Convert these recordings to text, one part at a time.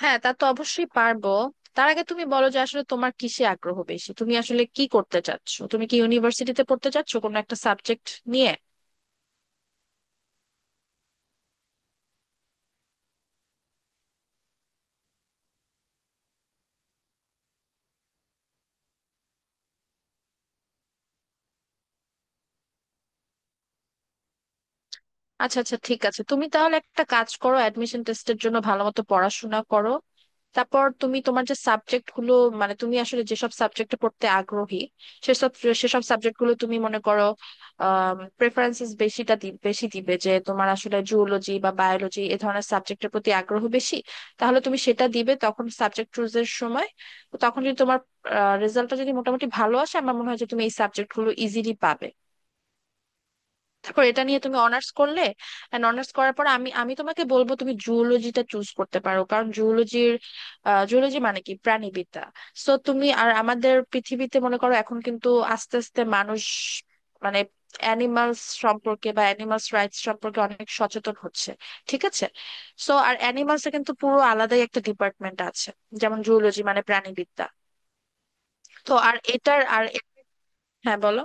হ্যাঁ, তা তো অবশ্যই পারবো। তার আগে তুমি বলো যে আসলে তোমার কিসে আগ্রহ বেশি, তুমি আসলে কি করতে চাচ্ছো, তুমি কি ইউনিভার্সিটিতে পড়তে চাচ্ছো কোনো একটা সাবজেক্ট নিয়ে? আচ্ছা আচ্ছা, ঠিক আছে, তুমি তাহলে একটা কাজ করো, অ্যাডমিশন টেস্টের জন্য ভালো মতো পড়াশোনা করো। তারপর তুমি তোমার যে সাবজেক্ট গুলো, মানে তুমি আসলে যেসব সাবজেক্টে পড়তে আগ্রহী, সেসব সেসব সাবজেক্ট গুলো তুমি মনে করো প্রেফারেন্সেস বেশিটা বেশি দিবে। যে তোমার আসলে জুওলজি বা বায়োলজি এ ধরনের সাবজেক্টের প্রতি আগ্রহ বেশি, তাহলে তুমি সেটা দিবে তখন সাবজেক্ট চুজের সময়। তো তখন যদি তোমার রেজাল্টটা যদি মোটামুটি ভালো আসে, আমার মনে হয় যে তুমি এই সাবজেক্ট গুলো ইজিলি পাবে। তারপর এটা নিয়ে তুমি অনার্স করলে, এন্ড অনার্স করার পর আমি আমি তোমাকে বলবো তুমি জুওলজিটা চুজ করতে পারো, কারণ জুওলজির, জুওলজি মানে কি প্রাণীবিদ্যা। সো তুমি আর আমাদের পৃথিবীতে মনে করো এখন কিন্তু আস্তে আস্তে মানুষ, মানে অ্যানিমালস সম্পর্কে বা অ্যানিমালস রাইটস সম্পর্কে অনেক সচেতন হচ্ছে। ঠিক আছে। সো আর অ্যানিমালস এর কিন্তু পুরো আলাদাই একটা ডিপার্টমেন্ট আছে, যেমন জুওলজি মানে প্রাণীবিদ্যা। তো আর এটার আর হ্যাঁ বলো।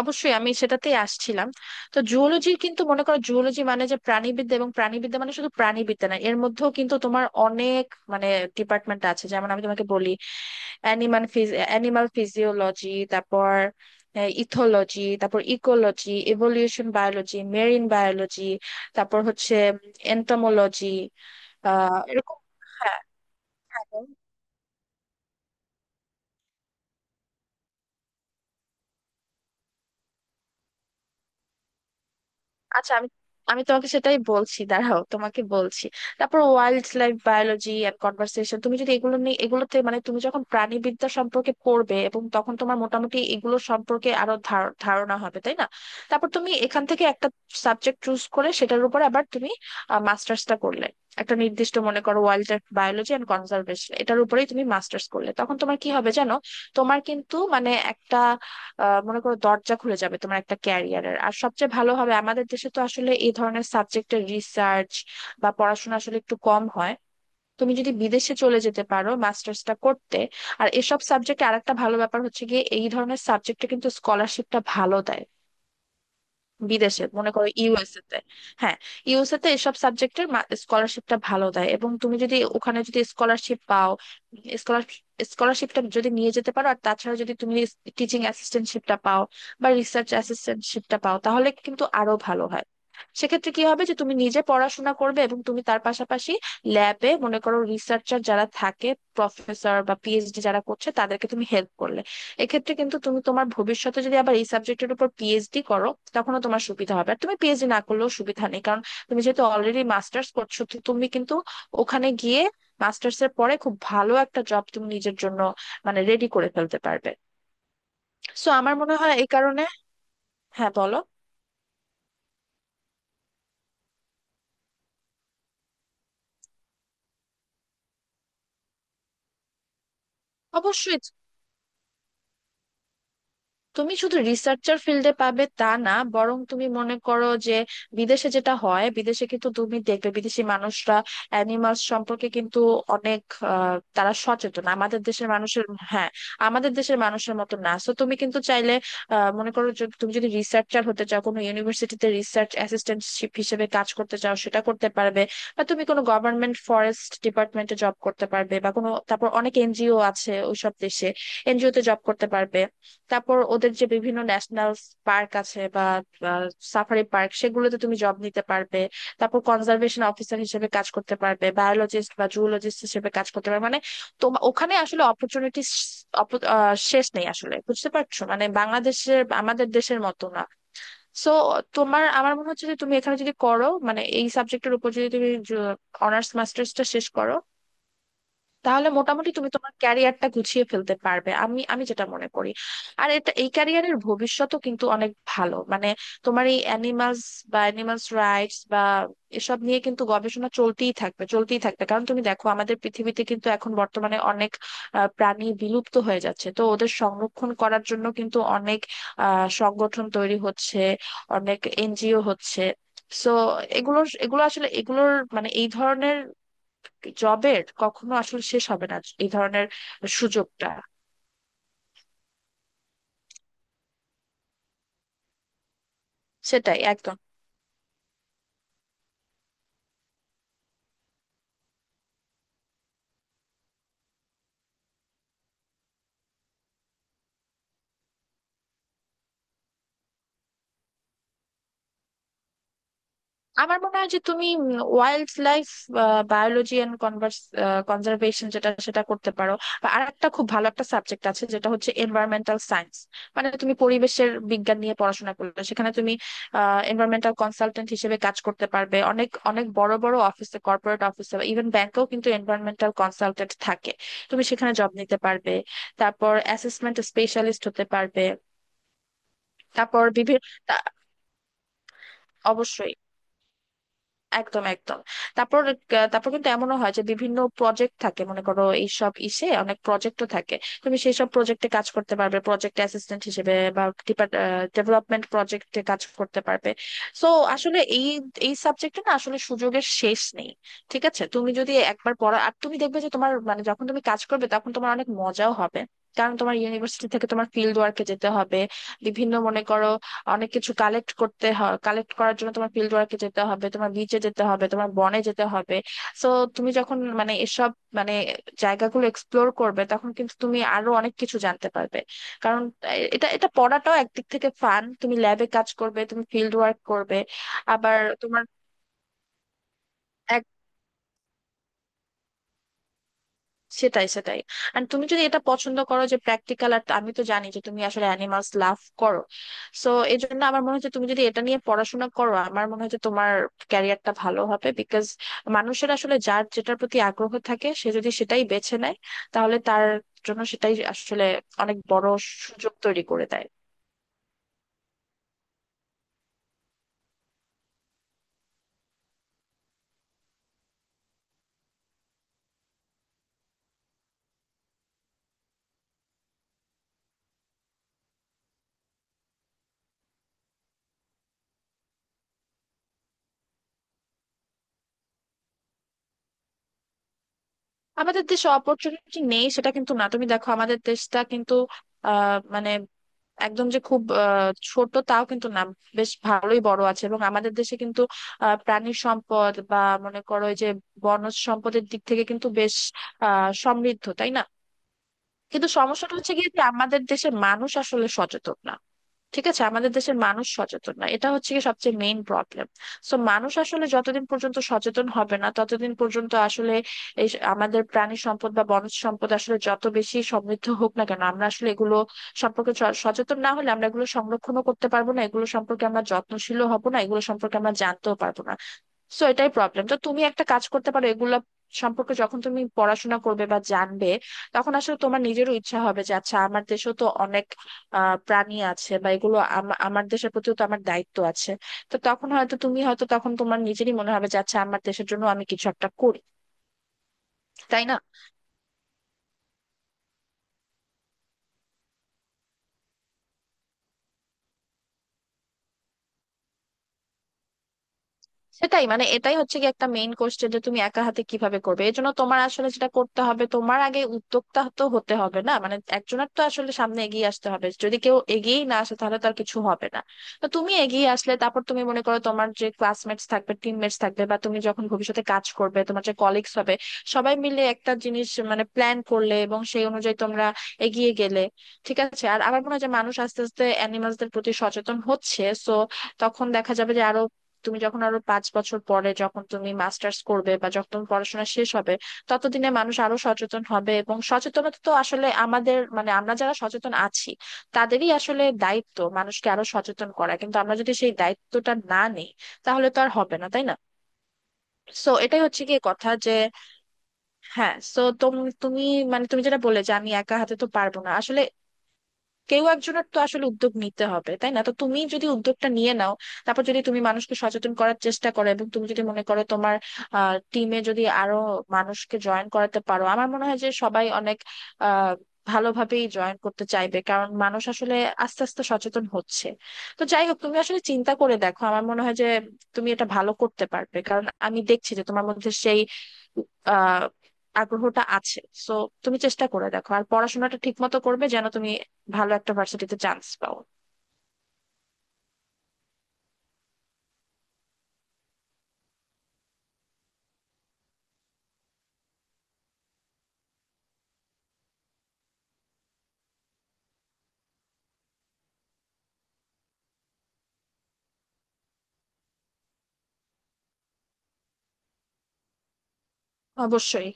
অবশ্যই আমি সেটাতেই আসছিলাম। তো জুওলজির কিন্তু মনে করো জুওলজি মানে যে প্রাণীবিদ্যা, এবং প্রাণীবিদ্যা মানে শুধু প্রাণীবিদ্যা না, এর মধ্যেও কিন্তু তোমার অনেক মানে ডিপার্টমেন্ট আছে, যেমন আমি তোমাকে বলি অ্যানিমাল অ্যানিমাল ফিজিওলজি, তারপর ইথোলজি, তারপর ecology, evolution biology, marine biology, তারপর হচ্ছে এন্টোমোলজি, এরকম। হ্যাঁ হ্যাঁ, আচ্ছা। আমি আমি তোমাকে সেটাই বলছি, দাঁড়াও তোমাকে বলছি। তারপর wildlife biology and conversation, তুমি যদি এগুলো নিয়ে এগুলোতে, মানে তুমি যখন প্রাণীবিদ্যা সম্পর্কে পড়বে, এবং তখন তোমার মোটামুটি এগুলো সম্পর্কে আরো ধারণা হবে, তাই না? তারপর তুমি এখান থেকে একটা সাবজেক্ট চুজ করে সেটার উপর আবার তুমি মাস্টার্সটা করলে, একটা নির্দিষ্ট মনে করো wildlife biology and conservation, এটার উপরেই তুমি মাস্টার্স করলে তখন তোমার কি হবে জানো? তোমার কিন্তু মানে একটা মনে করো দরজা খুলে যাবে তোমার একটা ক্যারিয়ারের। আর সবচেয়ে ভালো হবে, আমাদের দেশে তো আসলে এই ধরনের সাবজেক্টের রিসার্চ বা পড়াশোনা আসলে একটু কম হয়, তুমি যদি বিদেশে চলে যেতে পারো মাস্টার্সটা করতে। আর এসব সাবজেক্টে আরেকটা ভালো ব্যাপার হচ্ছে গিয়ে, এই ধরনের সাবজেক্টে কিন্তু স্কলারশিপটা ভালো দেয়। বিদেশে মনে করো ইউএসএ তে, হ্যাঁ, ইউএসএ তে এসব সাবজেক্টের স্কলারশিপটা ভালো দেয়। এবং তুমি যদি ওখানে যদি স্কলারশিপ পাও, স্কলারশিপটা যদি নিয়ে যেতে পারো, আর তাছাড়া যদি তুমি টিচিং অ্যাসিস্ট্যান্টশিপটা পাও বা রিসার্চ অ্যাসিস্ট্যান্টশিপটা পাও, তাহলে কিন্তু আরো ভালো হয়। সেক্ষেত্রে কি হবে যে তুমি নিজে পড়াশোনা করবে এবং তুমি তার পাশাপাশি ল্যাবে মনে করো রিসার্চার যারা থাকে, প্রফেসর বা পিএইচডি যারা করছে, তাদেরকে তুমি হেল্প করলে, এক্ষেত্রে কিন্তু তুমি তোমার ভবিষ্যতে যদি আবার এই সাবজেক্টের উপর পিএইচডি করো, তখনও তোমার সুবিধা হবে। আর তুমি পিএইচডি না করলেও সুবিধা নেই, কারণ তুমি যেহেতু অলরেডি মাস্টার্স করছো, তো তুমি কিন্তু ওখানে গিয়ে মাস্টার্স এর পরে খুব ভালো একটা জব তুমি নিজের জন্য মানে রেডি করে ফেলতে পারবে। সো আমার মনে হয় এই কারণে, হ্যাঁ বলো। অবশ্যই। তুমি শুধু রিসার্চার ফিল্ডে পাবে তা না, বরং তুমি মনে করো যে বিদেশে যেটা হয়, বিদেশে কিন্তু তুমি দেখবে বিদেশি মানুষরা অ্যানিমালস সম্পর্কে কিন্তু অনেক, তারা সচেতন আমাদের দেশের মানুষের, হ্যাঁ, আমাদের দেশের মানুষের মতো না। তো তুমি কিন্তু চাইলে, মনে করো তুমি যদি রিসার্চার হতে চাও, কোনো ইউনিভার্সিটিতে রিসার্চ অ্যাসিস্ট্যান্টশিপ হিসেবে কাজ করতে চাও, সেটা করতে পারবে। বা তুমি কোনো গভর্নমেন্ট ফরেস্ট ডিপার্টমেন্টে জব করতে পারবে, বা কোনো তারপর অনেক এনজিও আছে ওইসব দেশে, এনজিওতে জব করতে পারবে। তারপর ওদের যে বিভিন্ন ন্যাশনাল পার্ক আছে বা সাফারি পার্ক, সেগুলোতে তুমি জব নিতে পারবে। তারপর কনজারভেশন অফিসার হিসেবে কাজ করতে পারবে, বায়োলজিস্ট বা জুলজিস্ট হিসেবে কাজ করতে পারবে, মানে তোমার ওখানে আসলে অপরচুনিটি শেষ নেই আসলে, বুঝতে পারছো? মানে বাংলাদেশের, আমাদের দেশের মতো না। সো তোমার, আমার মনে হচ্ছে যে তুমি এখানে যদি করো, মানে এই সাবজেক্টের উপর যদি তুমি অনার্স মাস্টার্সটা শেষ করো, তাহলে মোটামুটি তুমি তোমার ক্যারিয়ারটা গুছিয়ে ফেলতে পারবে, আমি আমি যেটা মনে করি। আর এটা এই ক্যারিয়ারের ভবিষ্যতও কিন্তু অনেক ভালো, মানে তোমার এই অ্যানিমালস বা অ্যানিমালস রাইটস বা এসব নিয়ে কিন্তু গবেষণা চলতেই থাকবে চলতেই থাকবে, কারণ তুমি দেখো আমাদের পৃথিবীতে কিন্তু এখন বর্তমানে অনেক প্রাণী বিলুপ্ত হয়ে যাচ্ছে, তো ওদের সংরক্ষণ করার জন্য কিন্তু অনেক সংগঠন তৈরি হচ্ছে, অনেক এনজিও হচ্ছে। সো এগুলোর এগুলো আসলে এগুলোর মানে এই ধরনের জবের কখনো আসলে শেষ হবে না এই ধরনের সুযোগটা। সেটাই একদম। আমার মনে হয় যে তুমি wildlife biology and conservation যেটা, সেটা করতে পারো। আর একটা খুব ভালো একটা সাবজেক্ট আছে, যেটা হচ্ছে এনভায়রনমেন্টাল সায়েন্স, মানে তুমি পরিবেশের বিজ্ঞান নিয়ে পড়াশোনা করলে সেখানে তুমি এনভায়রনমেন্টাল কনসালটেন্ট হিসেবে কাজ করতে পারবে অনেক অনেক বড় বড় অফিসে, কর্পোরেট অফিসে, ইভেন ব্যাংকেও কিন্তু এনভায়রনমেন্টাল কনসালটেন্ট থাকে, তুমি সেখানে জব নিতে পারবে। তারপর অ্যাসেসমেন্ট স্পেশালিস্ট হতে পারবে, তারপর বিভিন্ন। অবশ্যই, একদম একদম। তারপর তারপর কিন্তু এমনও হয় যে বিভিন্ন প্রজেক্ট থাকে, মনে করো এইসব ইসে অনেক প্রজেক্টও থাকে, তুমি সেই সব প্রজেক্টে কাজ করতে পারবে প্রজেক্ট অ্যাসিস্ট্যান্ট হিসেবে বা ডেভেলপমেন্ট প্রজেক্টে কাজ করতে পারবে। সো আসলে এই এই সাবজেক্টে না আসলে সুযোগের শেষ নেই। ঠিক আছে, তুমি যদি একবার পড়া, আর তুমি দেখবে যে তোমার, মানে যখন তুমি কাজ করবে তখন তোমার অনেক মজাও হবে, কারণ তোমার ইউনিভার্সিটি থেকে তোমার ফিল্ড ওয়ার্কে যেতে হবে, বিভিন্ন মনে করো অনেক কিছু কালেক্ট করতে হয়, কালেক্ট করার জন্য তোমার ফিল্ড ওয়ার্কে যেতে হবে, তোমার বিচে যেতে হবে, তোমার বনে যেতে হবে। সো তুমি যখন মানে এসব মানে জায়গাগুলো এক্সপ্লোর করবে তখন কিন্তু তুমি আরো অনেক কিছু জানতে পারবে, কারণ এ- এটা এটা পড়াটাও একদিক থেকে ফান, তুমি ল্যাবে কাজ করবে, তুমি ফিল্ড ওয়ার্ক করবে আবার। তোমার সেটাই সেটাই। আর তুমি যদি এটা পছন্দ করো যে প্র্যাকটিক্যাল, আর আমি তো জানি যে তুমি আসলে অ্যানিমালস লাভ করো, সো এই জন্য আমার মনে হচ্ছে তুমি যদি এটা নিয়ে পড়াশোনা করো, আমার মনে হচ্ছে তোমার ক্যারিয়ারটা ভালো হবে, বিকজ মানুষের আসলে যার যেটার প্রতি আগ্রহ থাকে সে যদি সেটাই বেছে নেয়, তাহলে তার জন্য সেটাই আসলে অনেক বড় সুযোগ তৈরি করে দেয়। আমাদের দেশে অপরচুনিটি নেই সেটা কিন্তু না। তুমি দেখো আমাদের দেশটা কিন্তু মানে একদম যে খুব ছোট তাও কিন্তু না, বেশ ভালোই বড় আছে। এবং আমাদের দেশে কিন্তু প্রাণী সম্পদ বা মনে করো এই যে বনজ সম্পদের দিক থেকে কিন্তু বেশ সমৃদ্ধ, তাই না? কিন্তু সমস্যাটা হচ্ছে কি, যে আমাদের দেশের মানুষ আসলে সচেতন না। ঠিক আছে, আমাদের দেশের মানুষ সচেতন না, এটা হচ্ছে কি সবচেয়ে মেইন প্রবলেম। সো মানুষ আসলে যতদিন পর্যন্ত সচেতন হবে না ততদিন পর্যন্ত আসলে এই আমাদের প্রাণী সম্পদ বা বনজ সম্পদ আসলে যত বেশি সমৃদ্ধ হোক না কেন, আমরা আসলে এগুলো সম্পর্কে সচেতন না হলে আমরা এগুলো সংরক্ষণও করতে পারবো না, এগুলো সম্পর্কে আমরা যত্নশীলও হব না, এগুলো সম্পর্কে আমরা জানতেও পারবো না। সো এটাই প্রবলেম। তো তুমি একটা কাজ করতে পারো, এগুলা সম্পর্কে যখন তুমি পড়াশোনা করবে বা জানবে, তখন আসলে তোমার নিজেরও ইচ্ছা হবে যে আচ্ছা, আমার দেশেও তো অনেক প্রাণী আছে বা এগুলো আমার দেশের প্রতিও তো আমার দায়িত্ব আছে। তো তখন হয়তো তুমি হয়তো তখন তোমার নিজেরই মনে হবে যে আচ্ছা, আমার দেশের জন্য আমি কিছু একটা করি, তাই না? সেটাই, মানে এটাই হচ্ছে কি একটা মেইন কোশ্চেন, যে তুমি একা হাতে কিভাবে করবে। এর জন্য তোমার আসলে যেটা করতে হবে, তোমার আগে উদ্যোক্তা তো হতে হবে না, মানে একজনের তো আসলে সামনে এগিয়ে আসতে হবে, যদি কেউ এগিয়েই না আসে তাহলে তার কিছু হবে না। তো তুমি এগিয়ে আসলে তারপর তুমি মনে করো তোমার যে ক্লাসমেটস থাকবে, টিমমেটস থাকবে, বা তুমি যখন ভবিষ্যতে কাজ করবে তোমার যে কলিগস হবে, সবাই মিলে একটা জিনিস মানে প্ল্যান করলে এবং সেই অনুযায়ী তোমরা এগিয়ে গেলে, ঠিক আছে। আর আমার মনে হয় যে মানুষ আস্তে আস্তে অ্যানিমালসদের প্রতি সচেতন হচ্ছে, সো তখন দেখা যাবে যে আরো, তুমি যখন আরো 5 বছর পরে যখন তুমি মাস্টার্স করবে বা যখন তোমার পড়াশোনা শেষ হবে, ততদিনে মানুষ আরো সচেতন হবে। এবং সচেতনতা তো আসলে আমাদের মানে আমরা যারা সচেতন আছি তাদেরই আসলে দায়িত্ব মানুষকে আরো সচেতন করা, কিন্তু আমরা যদি সেই দায়িত্বটা না নিই তাহলে তো আর হবে না, তাই না? সো এটাই হচ্ছে কি কথা যে, হ্যাঁ। সো তুমি, মানে তুমি যেটা বললে যে আমি একা হাতে তো পারবো না, আসলে কেউ একজনের তো আসলে উদ্যোগ নিতে হবে, তাই না? তো তুমি যদি উদ্যোগটা নিয়ে নাও, তারপর যদি তুমি মানুষকে সচেতন করার চেষ্টা করো এবং তুমি যদি মনে করো তোমার টিমে যদি আরো মানুষকে জয়েন করাতে পারো, আমার মনে হয় যে সবাই অনেক আহ ভালোভাবেই জয়েন করতে চাইবে, কারণ মানুষ আসলে আস্তে আস্তে সচেতন হচ্ছে। তো যাই হোক, তুমি আসলে চিন্তা করে দেখো। আমার মনে হয় যে তুমি এটা ভালো করতে পারবে, কারণ আমি দেখছি যে তোমার মধ্যে সেই আহ আগ্রহটা আছে। সো তুমি চেষ্টা করে দেখো, আর পড়াশোনাটা ঠিক মতো করবে যেন তুমি ভালো একটা ভার্সিটিতে চান্স পাও। অবশ্যই।